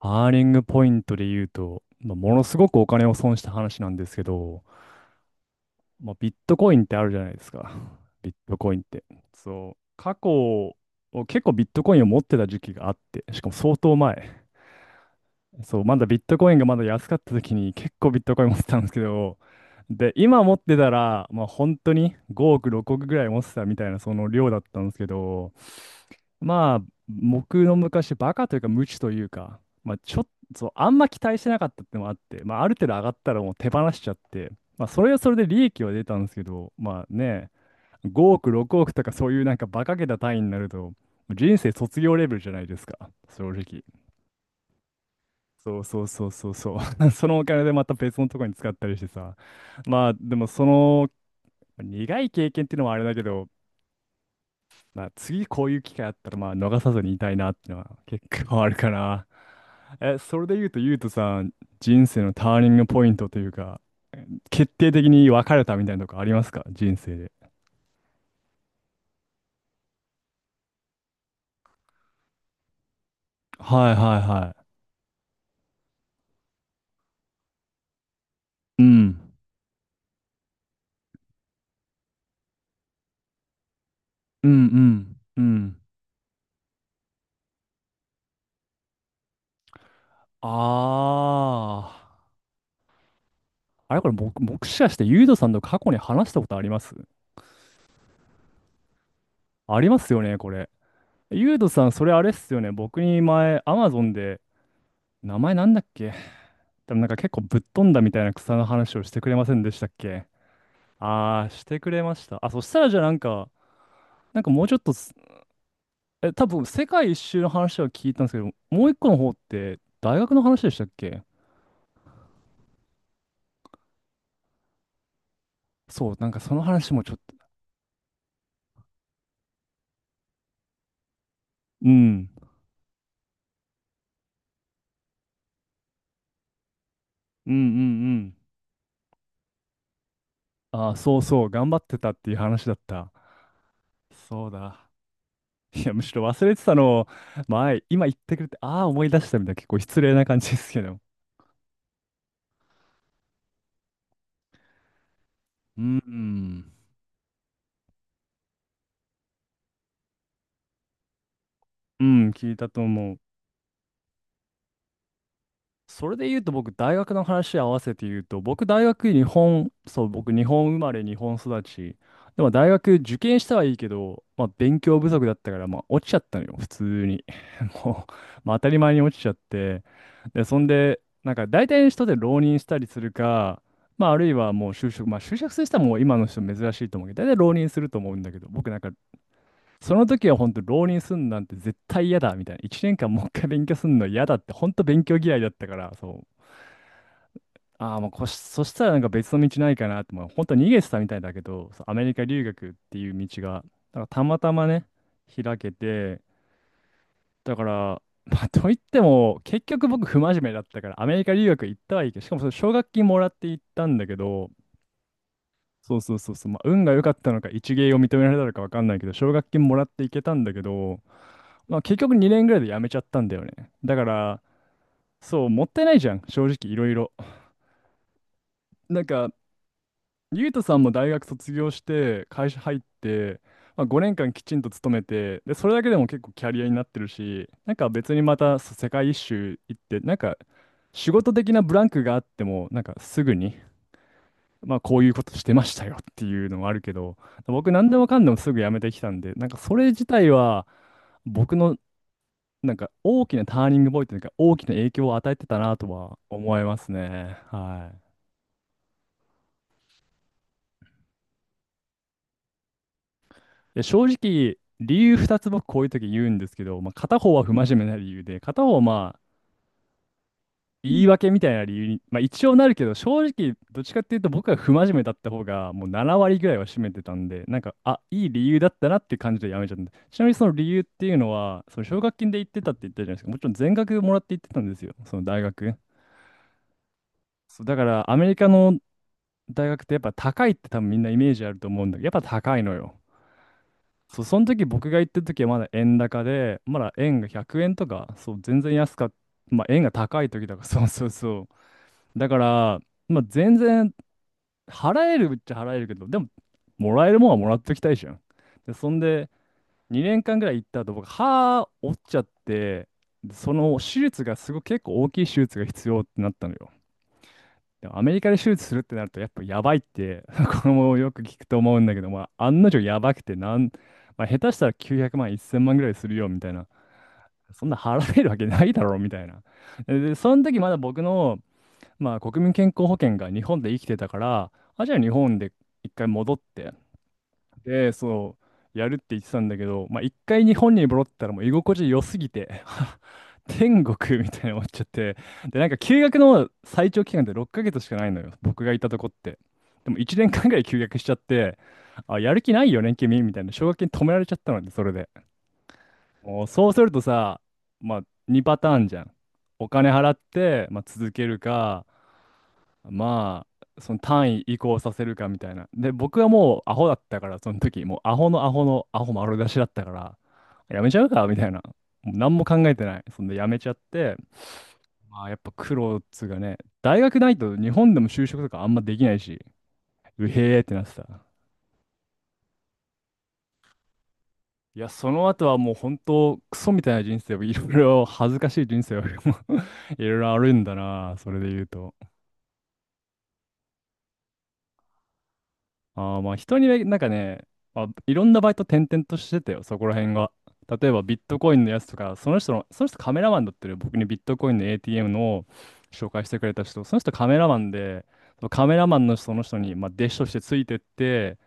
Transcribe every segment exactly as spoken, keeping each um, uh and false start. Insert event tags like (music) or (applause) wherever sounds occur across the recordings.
アーリングポイントで言うと、まあ、ものすごくお金を損した話なんですけど、まあ、ビットコインってあるじゃないですか。(laughs) ビットコインって。そう。過去、結構ビットコインを持ってた時期があって、しかも相当前。そう、まだビットコインがまだ安かった時に結構ビットコイン持ってたんですけど、で、今持ってたら、まあ本当にごおく、ろくおくぐらい持ってたみたいなその量だったんですけど、まあ僕の昔バカというか無知というか、まあちょっとあんま期待してなかったってのもあって、まあある程度上がったらもう手放しちゃって、まあそれはそれで利益は出たんですけど、まあね、ごおく、ろくおくとかそういうなんかバカげた単位になると、人生卒業レベルじゃないですか、正直。そうそうそうそうそう。(laughs) そのお金でまた別のとこに使ったりしてさ。まあでもその苦い経験っていうのもあれだけど、まあ、次こういう機会あったらまあ逃さずにいたいなっていうのは結構あるかな。え、それで言うと、ゆうとさん、人生のターニングポイントというか、決定的に分かれたみたいなとこありますか人生で。はいはいはい。うん。うんうんうん。ああ。あれこれ僕、もしかしてゆうとさんと過去に話したことありますありますよね、これ。ユードさん、それあれっすよね。僕に前、アマゾンで、名前なんだっけでもなんか結構ぶっ飛んだみたいな草の話をしてくれませんでしたっけあー、してくれました。あ、そしたらじゃあなんか、なんかもうちょっとす、え、多分世界一周の話は聞いたんですけど、もう一個の方って大学の話でしたっけそう、なんかその話もちょっと、うん、うんうんうん。あー、そうそう、頑張ってたっていう話だった。そうだ。いや、むしろ忘れてたのを、前、今言ってくれて、ああ、思い出したみたいな、結構失礼な感じですけど。うん、うん、聞いたと思う。それで言うと僕、大学の話合わせて言うと、僕、大学日本、そう、僕、日本生まれ、日本育ち。でも、大学受験したはいいけど、まあ、勉強不足だったから、まあ、落ちちゃったのよ、普通に。(laughs) もう、まあ、当たり前に落ちちゃって。で、そんで、なんか、大体の人で浪人したりするか、まあ、あるいはもう就職、まあ、就職する人はもう今の人珍しいと思うけど、大体浪人すると思うんだけど、僕なんか、その時は本当浪人すんなんて絶対嫌だみたいな。いちねんかんもう一回勉強すんの嫌だって、本当勉強嫌いだったから、そう。ああ、まあこし、そしたらなんか別の道ないかなって、まあ、本当逃げてたみたいだけど、そうアメリカ留学っていう道が、だからたまたまね、開けて、だから、まあ、といっても、結局僕、不真面目だったから、アメリカ留学行ったはいいけど、しかもその奨学金もらって行ったんだけど、そうそうそうそう、まあ、運が良かったのか、一芸を認められたのか分かんないけど、奨学金もらって行けたんだけど、まあ、結局にねんぐらいで辞めちゃったんだよね。だから、そう、もったいないじゃん、正直いろいろ。なんか、ゆうとさんも大学卒業して会社入って、まあ、ごねんかんきちんと勤めてでそれだけでも結構キャリアになってるしなんか別にまたそう世界一周行ってなんか仕事的なブランクがあってもなんかすぐに、まあ、こういうことしてましたよっていうのもあるけど僕何でもかんでもすぐ辞めてきたんでなんかそれ自体は僕のなんか大きなターニングポイントというか大きな影響を与えてたなとは思いますね。はで正直、理由ふたつ僕こういう時言うんですけど、まあ、片方は不真面目な理由で、片方はまあ言い訳みたいな理由に、まあ、一応なるけど、正直どっちかっていうと僕は不真面目だった方がもうなな割ぐらいは占めてたんで、なんか、あ、いい理由だったなっていう感じでやめちゃったんで。ちなみにその理由っていうのは、その奨学金で行ってたって言ったじゃないですか。もちろん全額もらって行ってたんですよ、その大学。そう、だからアメリカの大学ってやっぱ高いって多分みんなイメージあると思うんだけど、やっぱ高いのよ。そう、その時僕が行った時はまだ円高で、まだ円がひゃくえんとか、そう、全然安かった、まあ円が高い時だから、(laughs) そうそうそう。だから、まあ全然払えるっちゃ払えるけど、でも、もらえるもんはもらっときたいじゃん。で、そんで、にねんかんぐらい行った後、僕、歯折っちゃって、でその手術がすごく結構大きい手術が必要ってなったのよ。でもアメリカで手術するってなるとやっぱやばいって (laughs) これもよく聞くと思うんだけど、まあ、案の定やばくてなん、まあ、下手したらきゅうひゃくまんせんまんぐらいするよみたいなそんな払えるわけないだろうみたいなで、でその時まだ僕の、まあ、国民健康保険が日本で生きてたからあじゃあ日本で一回戻ってで、そう、やるって言ってたんだけど、まあ、一回日本に戻ったらもう居心地良すぎて、(laughs) 天国みたいに思っちゃって、で、なんか休学の最長期間ってろっかげつしかないのよ、僕がいたとこって。でもいちねんかんぐらい休学しちゃって、あ、やる気ないよね、君みたいな、奨学金止められちゃったので、それで。もうそうするとさ、まあ、にパターンじゃん。お金払って、まあ、続けるか、まあ、その単位移行させるかみたいな。で、僕はもうアホだったから、その時、もうアホのアホのアホ丸出しだったから、やめちゃうかみたいな。もう何も考えてない。そんでやめちゃって、まあやっぱ苦労っつうかね、大学ないと日本でも就職とかあんまできないし、うへーってなってた。いや、その後はもう本当、クソみたいな人生を、いろいろ恥ずかしい人生を (laughs) いろいろあるんだな、それで言うと。ああ、まあ人にね、なんかね、あ、いろんなバイト転々としてたよ、そこら辺が。例えばビットコインのやつとか、その人の、その人カメラマンだったる僕にビットコインの エーティーエム の紹介してくれた人、その人カメラマンで、そのカメラマンのその人に、まあ、弟子としてついてって、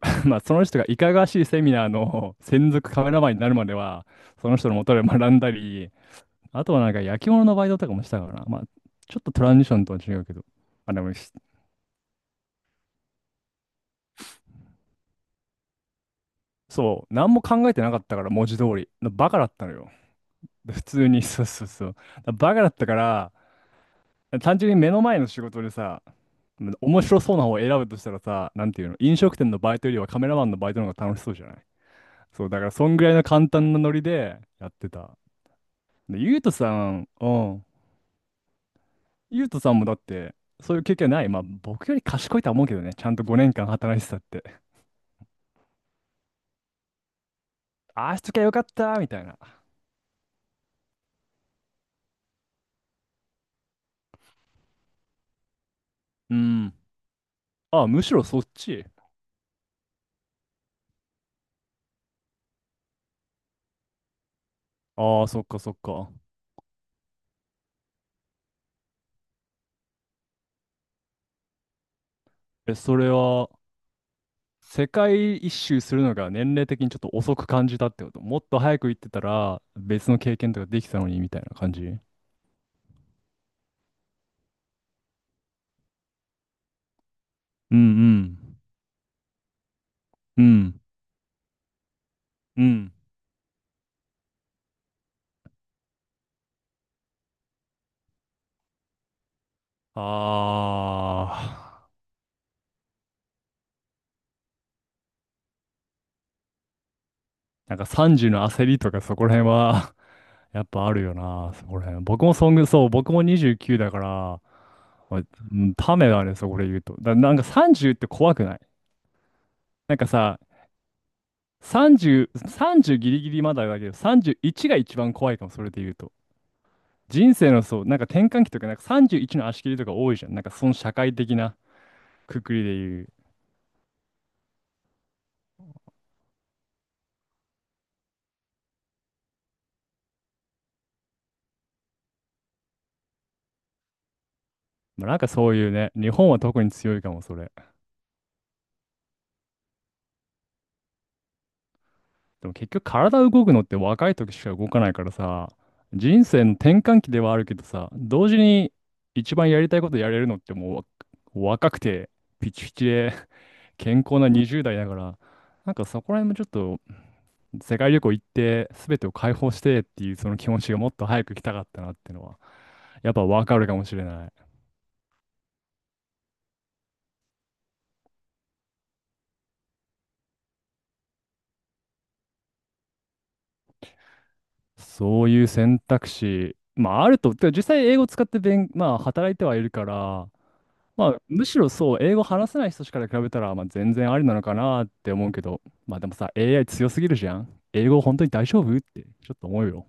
(laughs) まあ、その人がいかがわしいセミナーの専属カメラマンになるまでは、その人のもとで学んだり、あとはなんか焼き物のバイトとかもしたからな。まあ、ちょっとトランジションとは違うけど。あ、でもし、そう、何も考えてなかったから、文字通り。バカだったのよ。で普通に、(laughs) そうそうそう。だバカだったから、単純に目の前の仕事でさ、面白そうな方を選ぶとしたらさ、なんていうの、飲食店のバイトよりはカメラマンのバイトの方が楽しそうじゃないそう、だからそんぐらいの簡単なノリでやってた。で、ゆうとさん、うん。ゆうとさんもだって、そういう経験ない。まあ、僕より賢いとは思うけどね、ちゃんとごねんかん働いてたって。ああしときゃよかったみたいな。うん。あ、むしろそっち。ああ、そっかそっか。え、それは、世界一周するのが年齢的にちょっと遅く感じたってこともっと早く行ってたら、別の経験とかできたのにみたいな感じうんうんうん。うん。ああ。なんかさんじゅうの焦りとかそこら辺は (laughs) やっぱあるよな、そこら辺。僕もそんぐ、そう、僕もにじゅうきゅうだから、まあうんためだね、そこで言うと。だ、なんかさんじゅうって怖くないなんかさ、さんじゅう、さんじゅうギリギリまだだけど、さんじゅういちが一番怖いかも、それで言うと。人生のそう、なんか転換期とか、なんかさんじゅういちの足切りとか多いじゃん。なんかその社会的なくくりで言う。まあ、なんかそういうね、日本は特に強いかも、それ。でも結局体動くのって若い時しか動かないからさ、人生の転換期ではあるけどさ、同時に一番やりたいことやれるのってもうわ若くて、ピチピチで (laughs) 健康なにじゅう代だから、なんかそこら辺もちょっと世界旅行行って全てを解放してっていうその気持ちがもっと早く来たかったなってのはやっぱわかるかもしれない。そういう選択肢、まああると、てか実際英語使って勉、まあ働いてはいるから、まあむしろそう、英語話せない人から比べたら、まあ全然ありなのかなって思うけど、まあでもさ、エーアイ 強すぎるじゃん。英語本当に大丈夫ってちょっと思うよ。